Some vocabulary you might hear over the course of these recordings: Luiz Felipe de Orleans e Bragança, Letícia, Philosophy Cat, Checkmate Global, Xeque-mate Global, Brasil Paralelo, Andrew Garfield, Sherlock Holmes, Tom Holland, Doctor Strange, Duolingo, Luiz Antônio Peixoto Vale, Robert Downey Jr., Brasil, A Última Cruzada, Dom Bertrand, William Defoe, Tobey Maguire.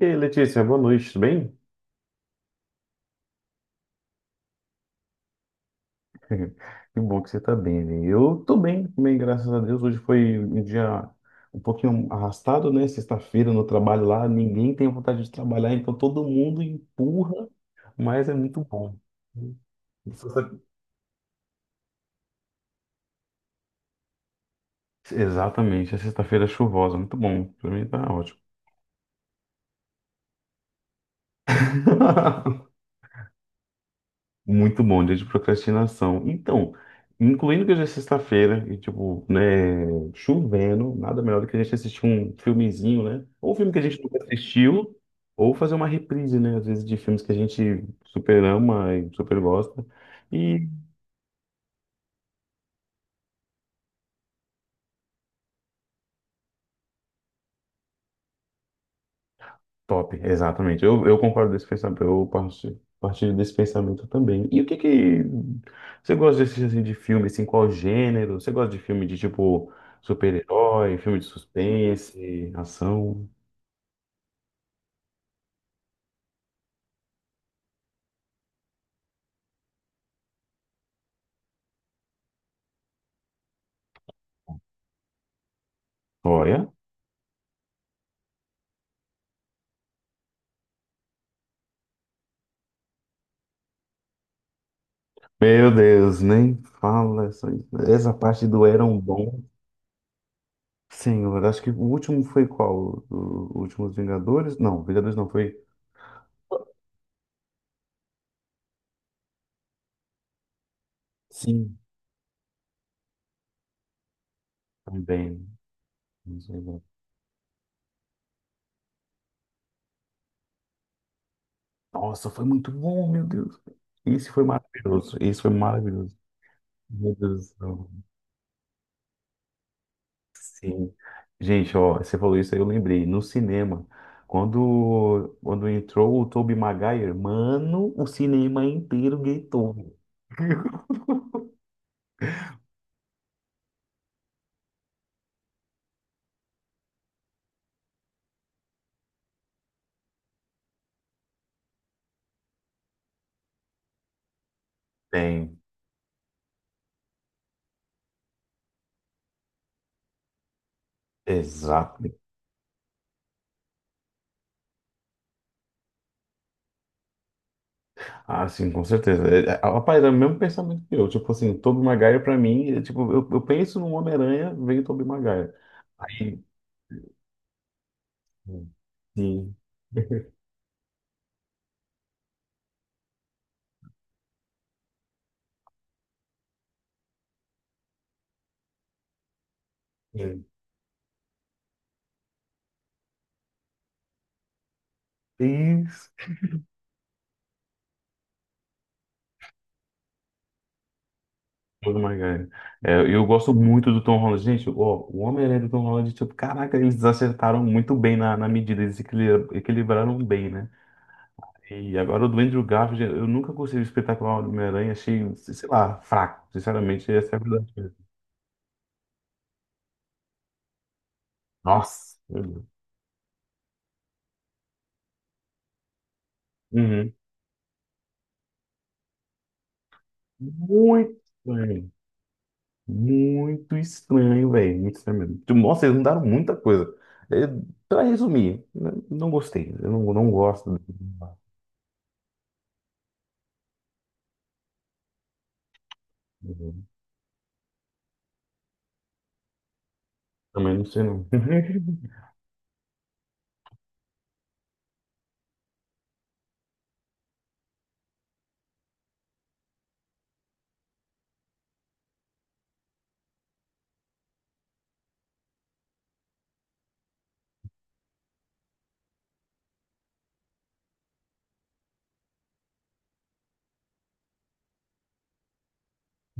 E aí, Letícia, boa noite, tudo bem? Que bom que você está bem, né? Eu estou bem bem, graças a Deus. Hoje foi um dia um pouquinho arrastado, né? Sexta-feira no trabalho lá, ninguém tem vontade de trabalhar, então todo mundo empurra, mas é muito bom. Sexta- Exatamente, a sexta-feira é chuvosa, muito bom. Para mim tá ótimo. Muito bom, dia de procrastinação. Então, incluindo que hoje é sexta-feira e, tipo, né, chovendo, nada melhor do que a gente assistir um filmezinho, né? Ou um filme que a gente nunca assistiu, ou fazer uma reprise, né? Às vezes de filmes que a gente super ama e super gosta. E top, exatamente. Eu concordo desse pensamento, eu partilho desse pensamento também. E o que que você gosta de assistir, assim, de filme, assim, qual gênero? Você gosta de filme de, tipo, super-herói, filme de suspense, ação? Olha. Meu Deus, nem fala essa parte do eram bom. Senhor, acho que o último foi qual? O, Últimos Vingadores? Não, Vingadores não foi. Sim, também. Nossa, foi muito bom, meu Deus. Isso foi maravilhoso. Isso foi maravilhoso. Meu Deus do céu. Sim. Gente, ó, você falou isso aí, eu lembrei. No cinema, quando entrou o Tobey Maguire, mano, o cinema inteiro gritou. Tem. Exato. Ah, sim, com certeza. Rapaz, é o mesmo pensamento que eu. Tipo assim, Tobey Maguire pra mim, é, tipo, eu penso no Homem-Aranha, vem Tobey Maguire. Aí, sim, sim. Isso. Tobey Maguire. É, eu gosto muito do Tom Holland. Gente, ó, o Homem-Aranha do Tom Holland, tipo, caraca, eles acertaram muito bem na medida, eles equilibraram bem, né? E agora o do Andrew Garfield, eu nunca gostei do espetacular do Homem-Aranha, achei, sei lá, fraco, sinceramente, essa é a verdade. Nossa, meu Deus. Uhum. Muito estranho. Muito estranho, velho. Muito estranho mesmo. Tipo, Nossa, eles mudaram muita coisa. É, pra resumir, não gostei. Eu não, não gosto. Também não sei, não.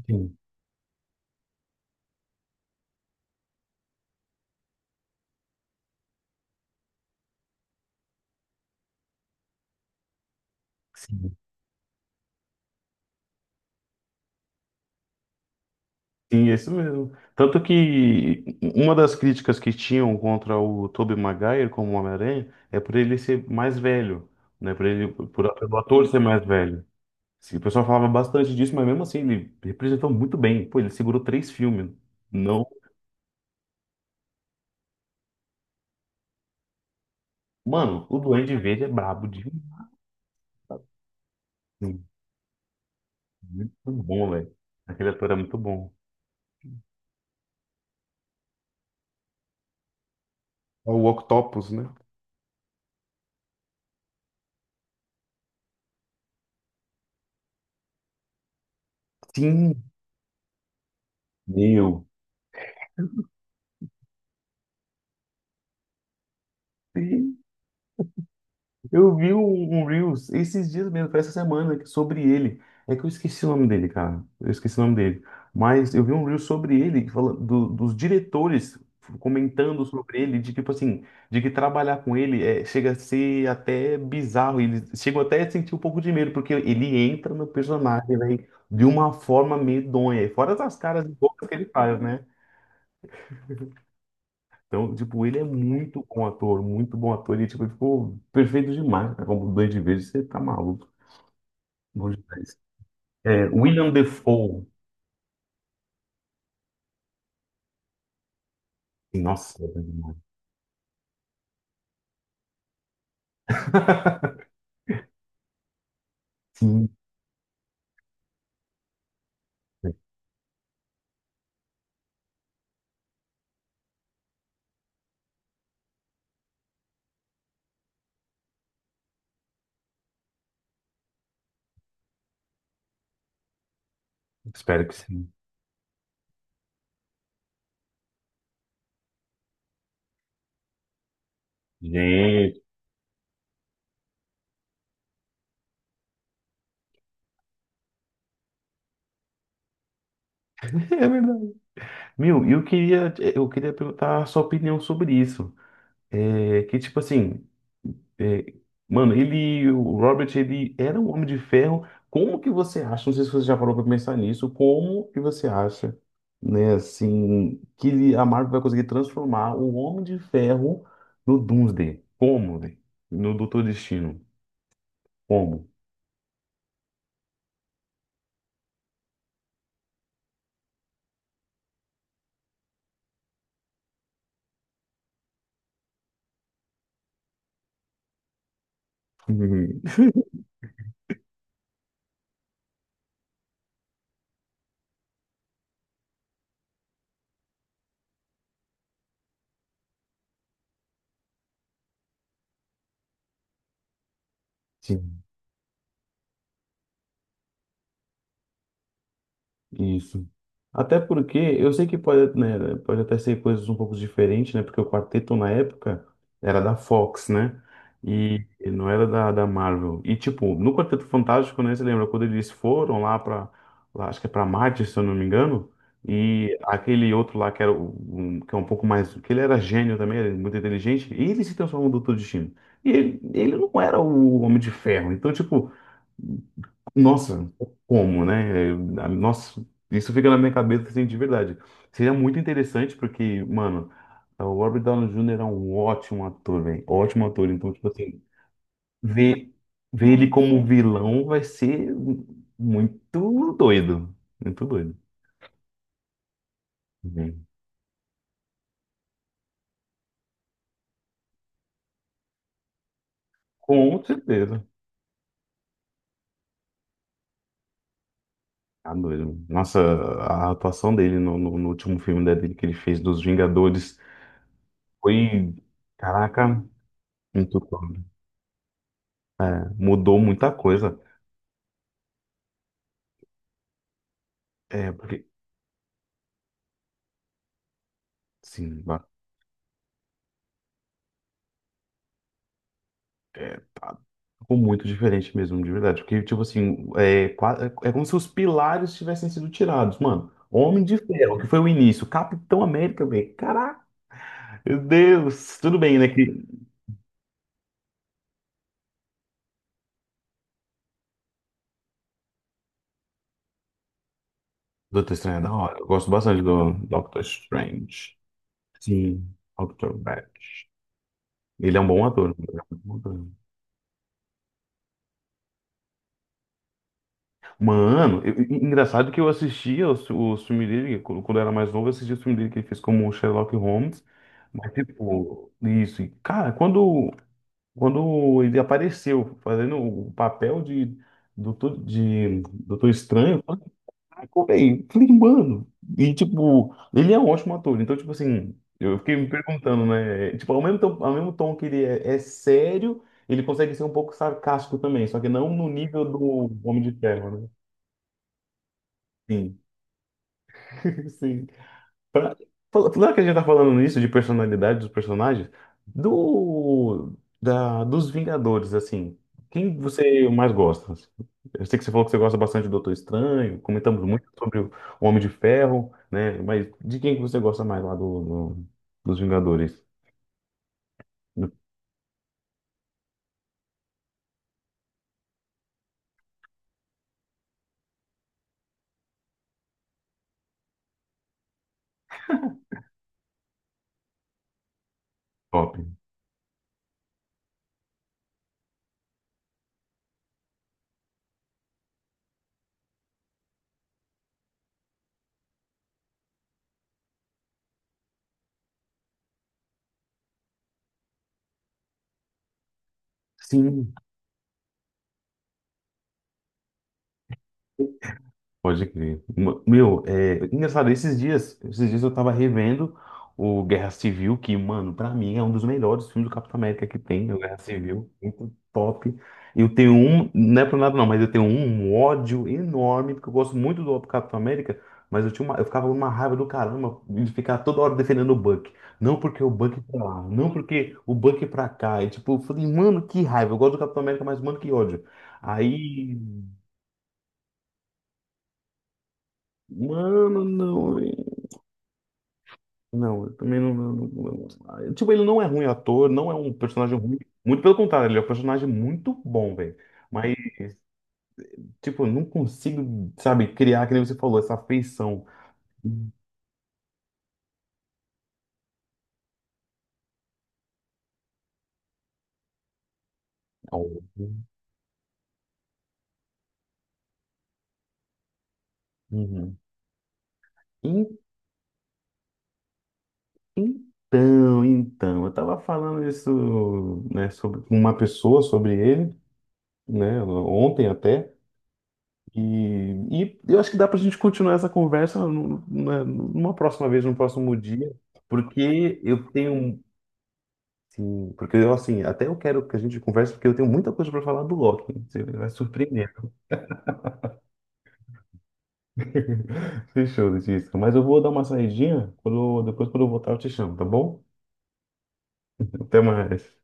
Sim, sim. Sim, é isso mesmo. Tanto que uma das críticas que tinham contra o Tobey Maguire como Homem-Aranha é por ele ser mais velho, né? Pelo ator ser mais velho. Sim, o pessoal falava bastante disso, mas mesmo assim ele representou muito bem. Pô, ele segurou três filmes. Não, mano, o Duende Verde é brabo de muito bom, velho. Aquele ator é muito bom. É o Octopus, né? Sim, meu. Eu vi um Reels esses dias mesmo, foi essa semana, sobre ele. É que eu esqueci o nome dele, cara. Eu esqueci o nome dele. Mas eu vi um Reels sobre ele, que fala dos diretores comentando sobre ele, de tipo assim, de que trabalhar com ele é, chega a ser até bizarro. Eles chegam até a sentir um pouco de medo, porque ele entra no personagem, velho, de uma forma medonha. E fora das caras e bocas que ele faz, né? Então, tipo, ele é muito bom ator, muito bom ator. E, tipo, ele ficou perfeito demais, cara. Como dois de vez, você tá maluco. Bom demais. É, William Defoe. Nossa, é bom demais. Sim, espero que sim. Gente, é verdade. Meu, eu queria perguntar a sua opinião sobre isso. É, que tipo assim, é, mano, ele, o Robert, ele era um homem de ferro. Como que você acha? Não sei se você já parou pra pensar nisso. Como que você acha, né, assim, a Marvel vai conseguir transformar o Homem de Ferro no Doomsday? Como, velho? No Doutor Destino? Como? Uhum. Sim, isso. Até porque eu sei que pode, né, pode até ser coisas um pouco diferentes, né? Porque o quarteto na época era da Fox, né? E não era da Marvel. E tipo, no Quarteto Fantástico, né? Você lembra quando eles foram lá para, lá, acho que é para Marte, se eu não me engano, e aquele outro lá que era um, que é um pouco mais, que ele era gênio também, era muito inteligente, e ele se transformou no Doutor Destino. E ele não era o Homem de Ferro. Então, tipo, Nossa, como, né? Nossa, isso fica na minha cabeça assim, de verdade. Seria muito interessante porque, mano, o Robert Downey Jr. é um ótimo ator, velho. Ótimo ator. Então, tipo assim, ver, ver ele como vilão vai ser muito doido. Muito doido. Uhum. Com certeza. Tá doido. Nossa, a atuação dele no último filme, né, dele que ele fez dos Vingadores foi, caraca, muito top, né? Mudou muita coisa. É, porque Sim, é, ficou muito diferente mesmo, de verdade. Porque, tipo assim, é como se os pilares tivessem sido tirados, mano. Homem de Ferro, que foi o início. Capitão América, velho. Caraca, meu Deus. Tudo bem, né? Que... Doutor Estranho é da hora. Eu gosto bastante do Doctor Strange. Sim, Doctor Strange. Ele é um bom ator. Mano, engraçado que eu assistia os o filme dele, quando eu era mais novo, eu assistia o filme dele que ele fez como o Sherlock Holmes. Mas, tipo, isso. E, cara, quando ele apareceu fazendo o papel de Doutor Estranho, eu falei, "Caraca, velho", falei, mano. E, tipo, ele é um ótimo ator. Então, tipo assim, eu fiquei me perguntando, né? Tipo, ao mesmo tom que ele é sério, ele consegue ser um pouco sarcástico também, só que não no nível do Homem de Ferro, né? Sim. Sim. Pra- Falando que a gente tá falando nisso de personalidade dos personagens, do, dos Vingadores, assim, quem você mais gosta? Eu sei que você falou que você gosta bastante do Doutor Estranho, comentamos muito sobre o Homem de Ferro, né? Mas de quem que você gosta mais lá do- dos Vingadores, do top? Sim, pode crer. Meu, é engraçado, esses dias eu tava revendo o Guerra Civil, que, mano, pra mim é um dos melhores filmes do Capitão América que tem, o Guerra Civil, muito top. Eu tenho um, não é por nada não, mas eu tenho um ódio enorme, porque eu gosto muito do Capitão América, mas eu tinha uma, eu ficava numa raiva do caramba de ficar toda hora defendendo o Buck. Não porque o Buck pra lá, não porque o Buck é pra cá. E tipo, eu falei, mano, que raiva, eu gosto do Capitão América, mas mano, que ódio. Aí, mano, não. Não, eu também não, tipo, ele não é ruim ator, não é um personagem ruim. Muito pelo contrário, ele é um personagem muito bom, velho. Mas, tipo, eu não consigo, sabe, criar, que nem você falou, essa afeição. Então, uhum. En- então, eu tava falando isso, né, sobre com uma pessoa, sobre ele, né, ontem até. E eu acho que dá pra gente continuar essa conversa né, numa próxima vez, num próximo dia. Porque eu tenho Sim, porque eu assim, até eu quero que a gente converse, porque eu tenho muita coisa para falar do Loki. Você vai surpreender. Fechou, Letícia. Mas eu vou dar uma saidinha. Quando, depois, quando eu voltar, eu te chamo, tá bom? Até mais.